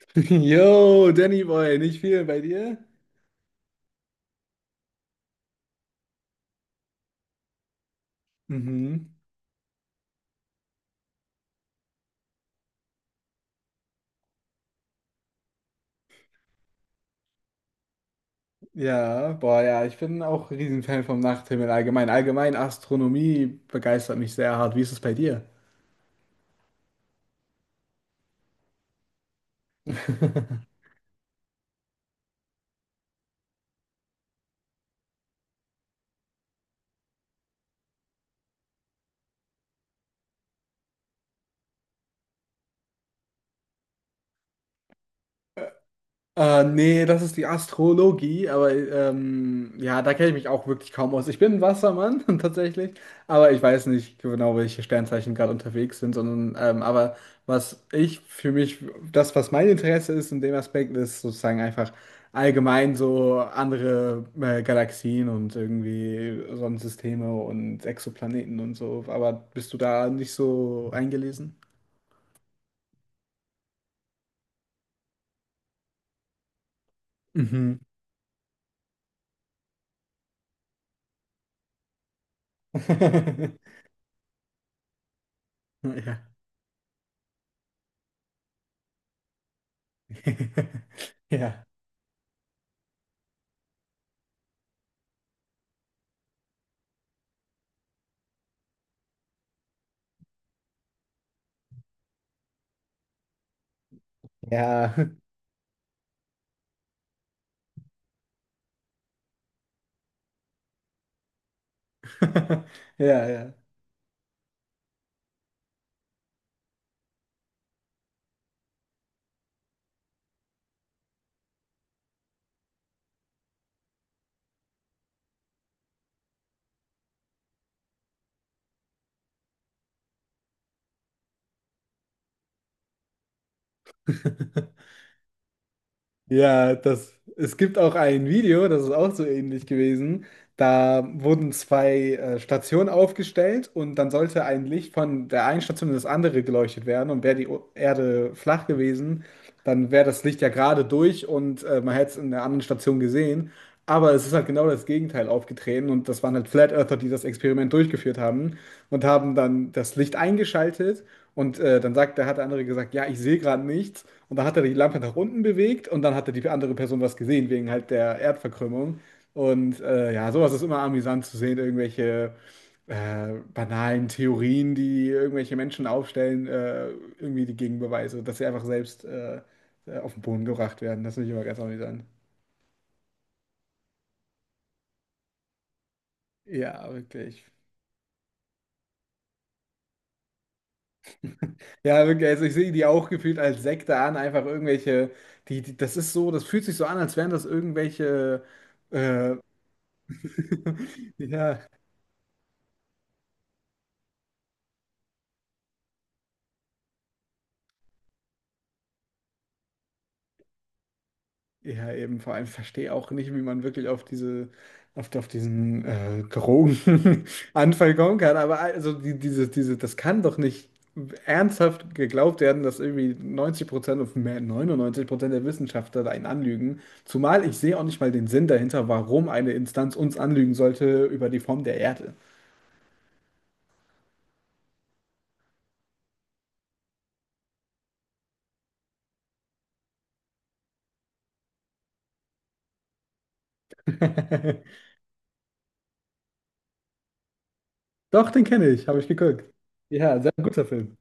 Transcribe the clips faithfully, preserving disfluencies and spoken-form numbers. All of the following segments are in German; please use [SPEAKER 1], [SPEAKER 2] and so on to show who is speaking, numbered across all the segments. [SPEAKER 1] Yo, Danny Boy, nicht viel bei dir? Mhm. Ja, boah, ja, ich bin auch ein Riesenfan vom Nachthimmel allgemein. Allgemein Astronomie begeistert mich sehr hart. Wie ist es bei dir? Äh, nee, das ist die Astrologie, aber ähm, ja, da kenne ich mich auch wirklich kaum aus. Ich bin ein Wassermann tatsächlich, aber ich weiß nicht genau, welche Sternzeichen gerade unterwegs sind, sondern ähm, aber was ich für mich, das, was mein Interesse ist in dem Aspekt, ist sozusagen einfach allgemein so andere äh, Galaxien und irgendwie Sonnensysteme und Exoplaneten und so. Aber bist du da nicht so eingelesen? Mhm. Ja. Ja. Ja, ja, ja. Ja, das, es gibt auch ein Video, das ist auch so ähnlich gewesen. Da wurden zwei äh, Stationen aufgestellt und dann sollte ein Licht von der einen Station in das andere geleuchtet werden. Und wäre die O- Erde flach gewesen, dann wäre das Licht ja gerade durch und äh, man hätte es in der anderen Station gesehen. Aber es ist halt genau das Gegenteil aufgetreten und das waren halt Flat Earther, die das Experiment durchgeführt haben und haben dann das Licht eingeschaltet und äh, dann sagt, da hat der andere gesagt, ja, ich sehe gerade nichts und dann hat er die Lampe nach unten bewegt und dann hatte die andere Person was gesehen wegen halt der Erdverkrümmung und äh, ja, sowas ist immer amüsant zu sehen, irgendwelche äh, banalen Theorien, die irgendwelche Menschen aufstellen, äh, irgendwie die Gegenbeweise, dass sie einfach selbst äh, äh, auf den Boden gebracht werden. Das finde ich immer ganz amüsant. Ja, wirklich. Ja, wirklich, also ich sehe die auch gefühlt als Sekte an, einfach irgendwelche, die, die, das ist so, das fühlt sich so an, als wären das irgendwelche, äh, ja, ja, eben, vor allem verstehe auch nicht, wie man wirklich auf diese, auf, auf diesen äh, Drogenanfall kommen kann, aber also die, diese, diese, das kann doch nicht ernsthaft geglaubt werden, dass irgendwie neunzig Prozent und mehr neunundneunzig Prozent der Wissenschaftler einen anlügen. Zumal ich sehe auch nicht mal den Sinn dahinter, warum eine Instanz uns anlügen sollte über die Form der Erde. Doch, den kenne ich, habe ich geguckt. Ja, sehr guter Film.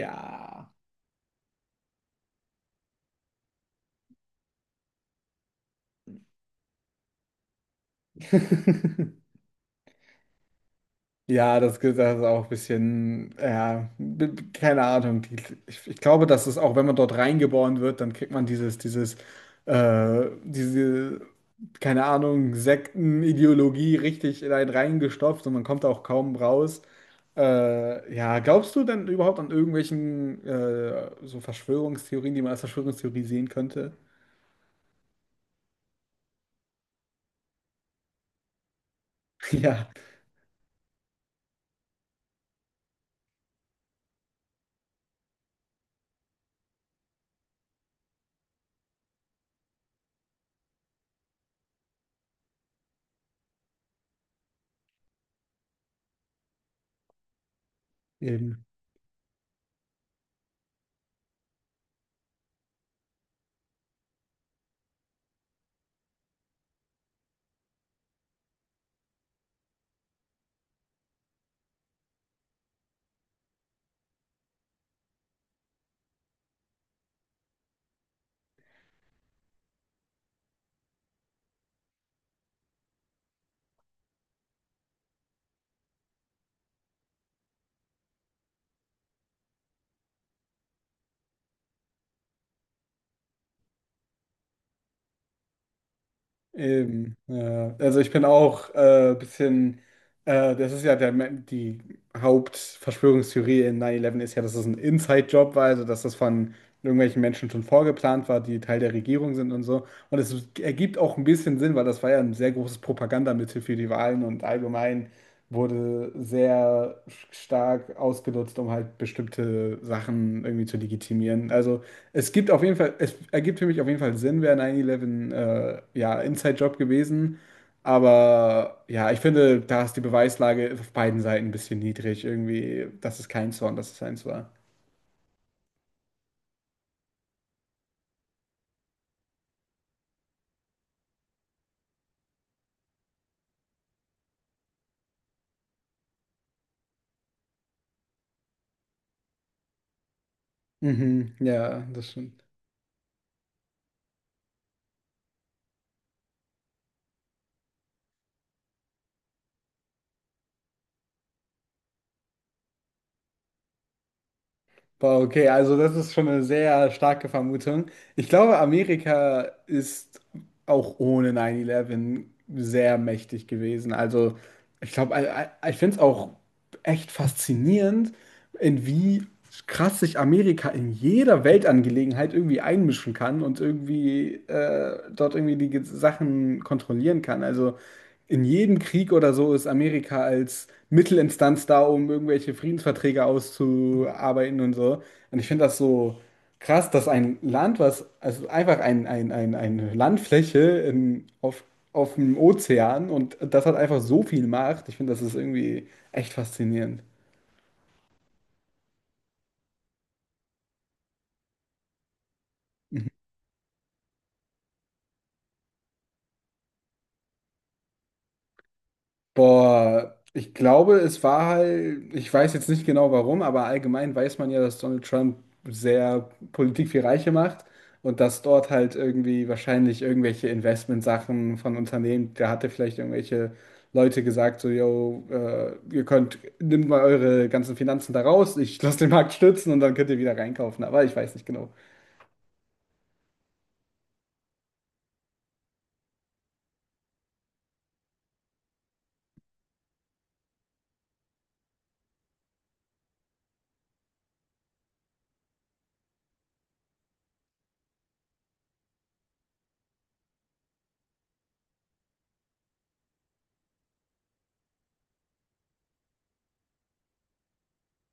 [SPEAKER 1] Ja. Ja, das, geht- das ist auch ein bisschen, ja, b- b- keine Ahnung. Die- Ich, ich glaube, dass es auch, wenn man dort reingeboren wird, dann kriegt man dieses, dieses, äh, diese, keine Ahnung, Sektenideologie richtig in einen reingestopft und man kommt da auch kaum raus. Äh, ja, glaubst du denn überhaupt an irgendwelchen äh, so Verschwörungstheorien, die man als Verschwörungstheorie sehen könnte? Ja. Eben, eben. Ja. Also ich bin auch ein äh, bisschen. Äh, das ist ja der, die Hauptverschwörungstheorie in neun elf ist ja, dass es ein Inside-Job war, also dass das von irgendwelchen Menschen schon vorgeplant war, die Teil der Regierung sind und so. Und es ergibt auch ein bisschen Sinn, weil das war ja ein sehr großes Propagandamittel für die Wahlen und allgemein wurde sehr stark ausgenutzt, um halt bestimmte Sachen irgendwie zu legitimieren. Also es gibt auf jeden Fall, es ergibt für mich auf jeden Fall Sinn, wäre neun elf äh, ja Inside-Job gewesen. Aber ja, ich finde, da ist die Beweislage auf beiden Seiten ein bisschen niedrig. Irgendwie, das ist kein Zorn, dass es eins war. Mhm, ja, das stimmt. Boah, okay, also das ist schon eine sehr starke Vermutung. Ich glaube, Amerika ist auch ohne neun elf sehr mächtig gewesen. Also ich glaube, ich ich finde es auch echt faszinierend, in wie krass sich Amerika in jeder Weltangelegenheit irgendwie einmischen kann und irgendwie äh, dort irgendwie die ge- Sachen kontrollieren kann. Also in jedem Krieg oder so ist Amerika als Mittelinstanz da, um irgendwelche Friedensverträge auszuarbeiten und so. Und ich finde das so. Krass, dass ein Land, was, also einfach ein, ein, ein, eine Landfläche in, auf, auf dem Ozean und das hat einfach so viel Macht. Ich finde, das ist irgendwie echt faszinierend. Boah, ich glaube, es war halt, ich weiß jetzt nicht genau warum, aber allgemein weiß man ja, dass Donald Trump sehr Politik für Reiche macht und dass dort halt irgendwie wahrscheinlich irgendwelche Investmentsachen von Unternehmen, da hatte vielleicht irgendwelche Leute gesagt, so, yo, äh, ihr könnt, nimmt mal eure ganzen Finanzen da raus, ich lasse den Markt stürzen und dann könnt ihr wieder reinkaufen, aber ich weiß nicht genau.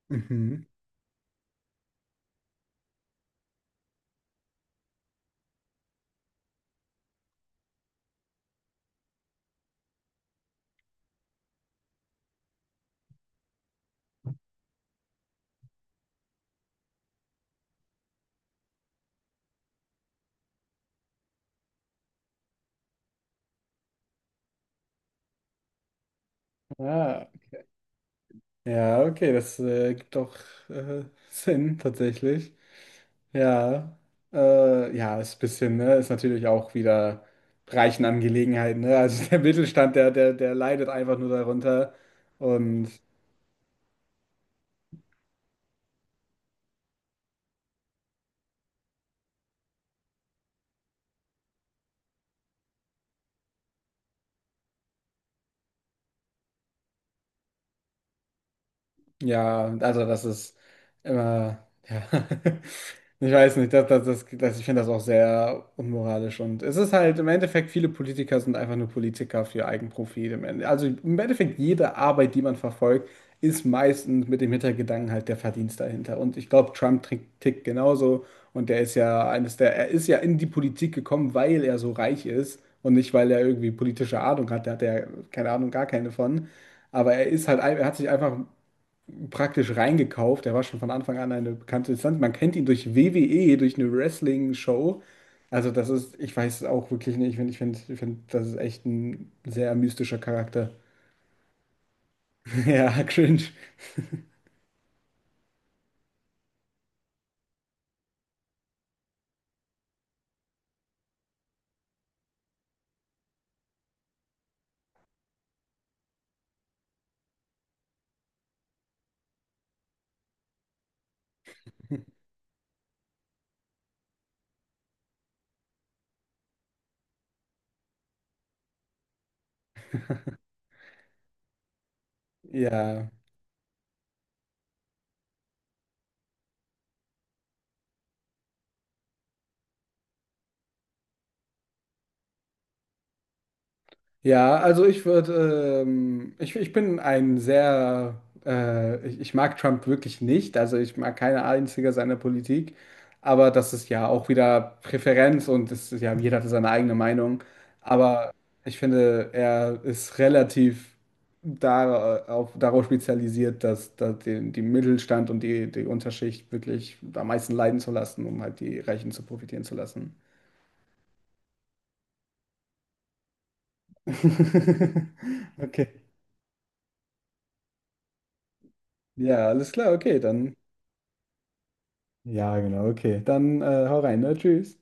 [SPEAKER 1] Mhm. Ah, ja, okay, das äh, gibt doch äh, Sinn tatsächlich. Ja, äh, ja, ist ein bisschen, ne, ist natürlich auch wieder reichen Angelegenheiten, ne? Also der Mittelstand, der, der, der leidet einfach nur darunter. Und ja, also das ist immer, ja, ich weiß nicht, das, das, das, das, ich finde das auch sehr unmoralisch und es ist halt im Endeffekt, viele Politiker sind einfach nur Politiker für Eigenprofit im Ende. Also im Endeffekt, jede Arbeit, die man verfolgt, ist meistens mit dem Hintergedanken halt der Verdienst dahinter. Und ich glaube, Trump tickt, tickt genauso und der ist ja eines der, er ist ja in die Politik gekommen, weil er so reich ist und nicht, weil er irgendwie politische Ahnung hat. Da hat er, keine Ahnung, gar keine von. Aber er ist halt, ein- er hat sich einfach praktisch reingekauft. Er war schon von Anfang an eine bekannte Instanz. Man kennt ihn durch W W E, durch eine Wrestling-Show. Also das ist, ich weiß es auch wirklich nicht. Ich finde, ich finde, ich find, das ist echt ein sehr mystischer Charakter. Ja, cringe. Ja. Ja, also ich würde, ähm, ich, ich bin ein sehr, äh, ich, ich mag Trump wirklich nicht, also ich mag keine einzige seiner Politik, aber das ist ja auch wieder Präferenz und es ist ja, jeder hat seine eigene Meinung, aber ich finde, er ist relativ da auf, darauf spezialisiert, dass, dass den, die Mittelstand und die, die Unterschicht wirklich am meisten leiden zu lassen, um halt die Reichen zu profitieren zu lassen. Okay. Ja, alles klar, okay, dann. Ja, genau, okay. Dann äh, hau rein, ne? Tschüss.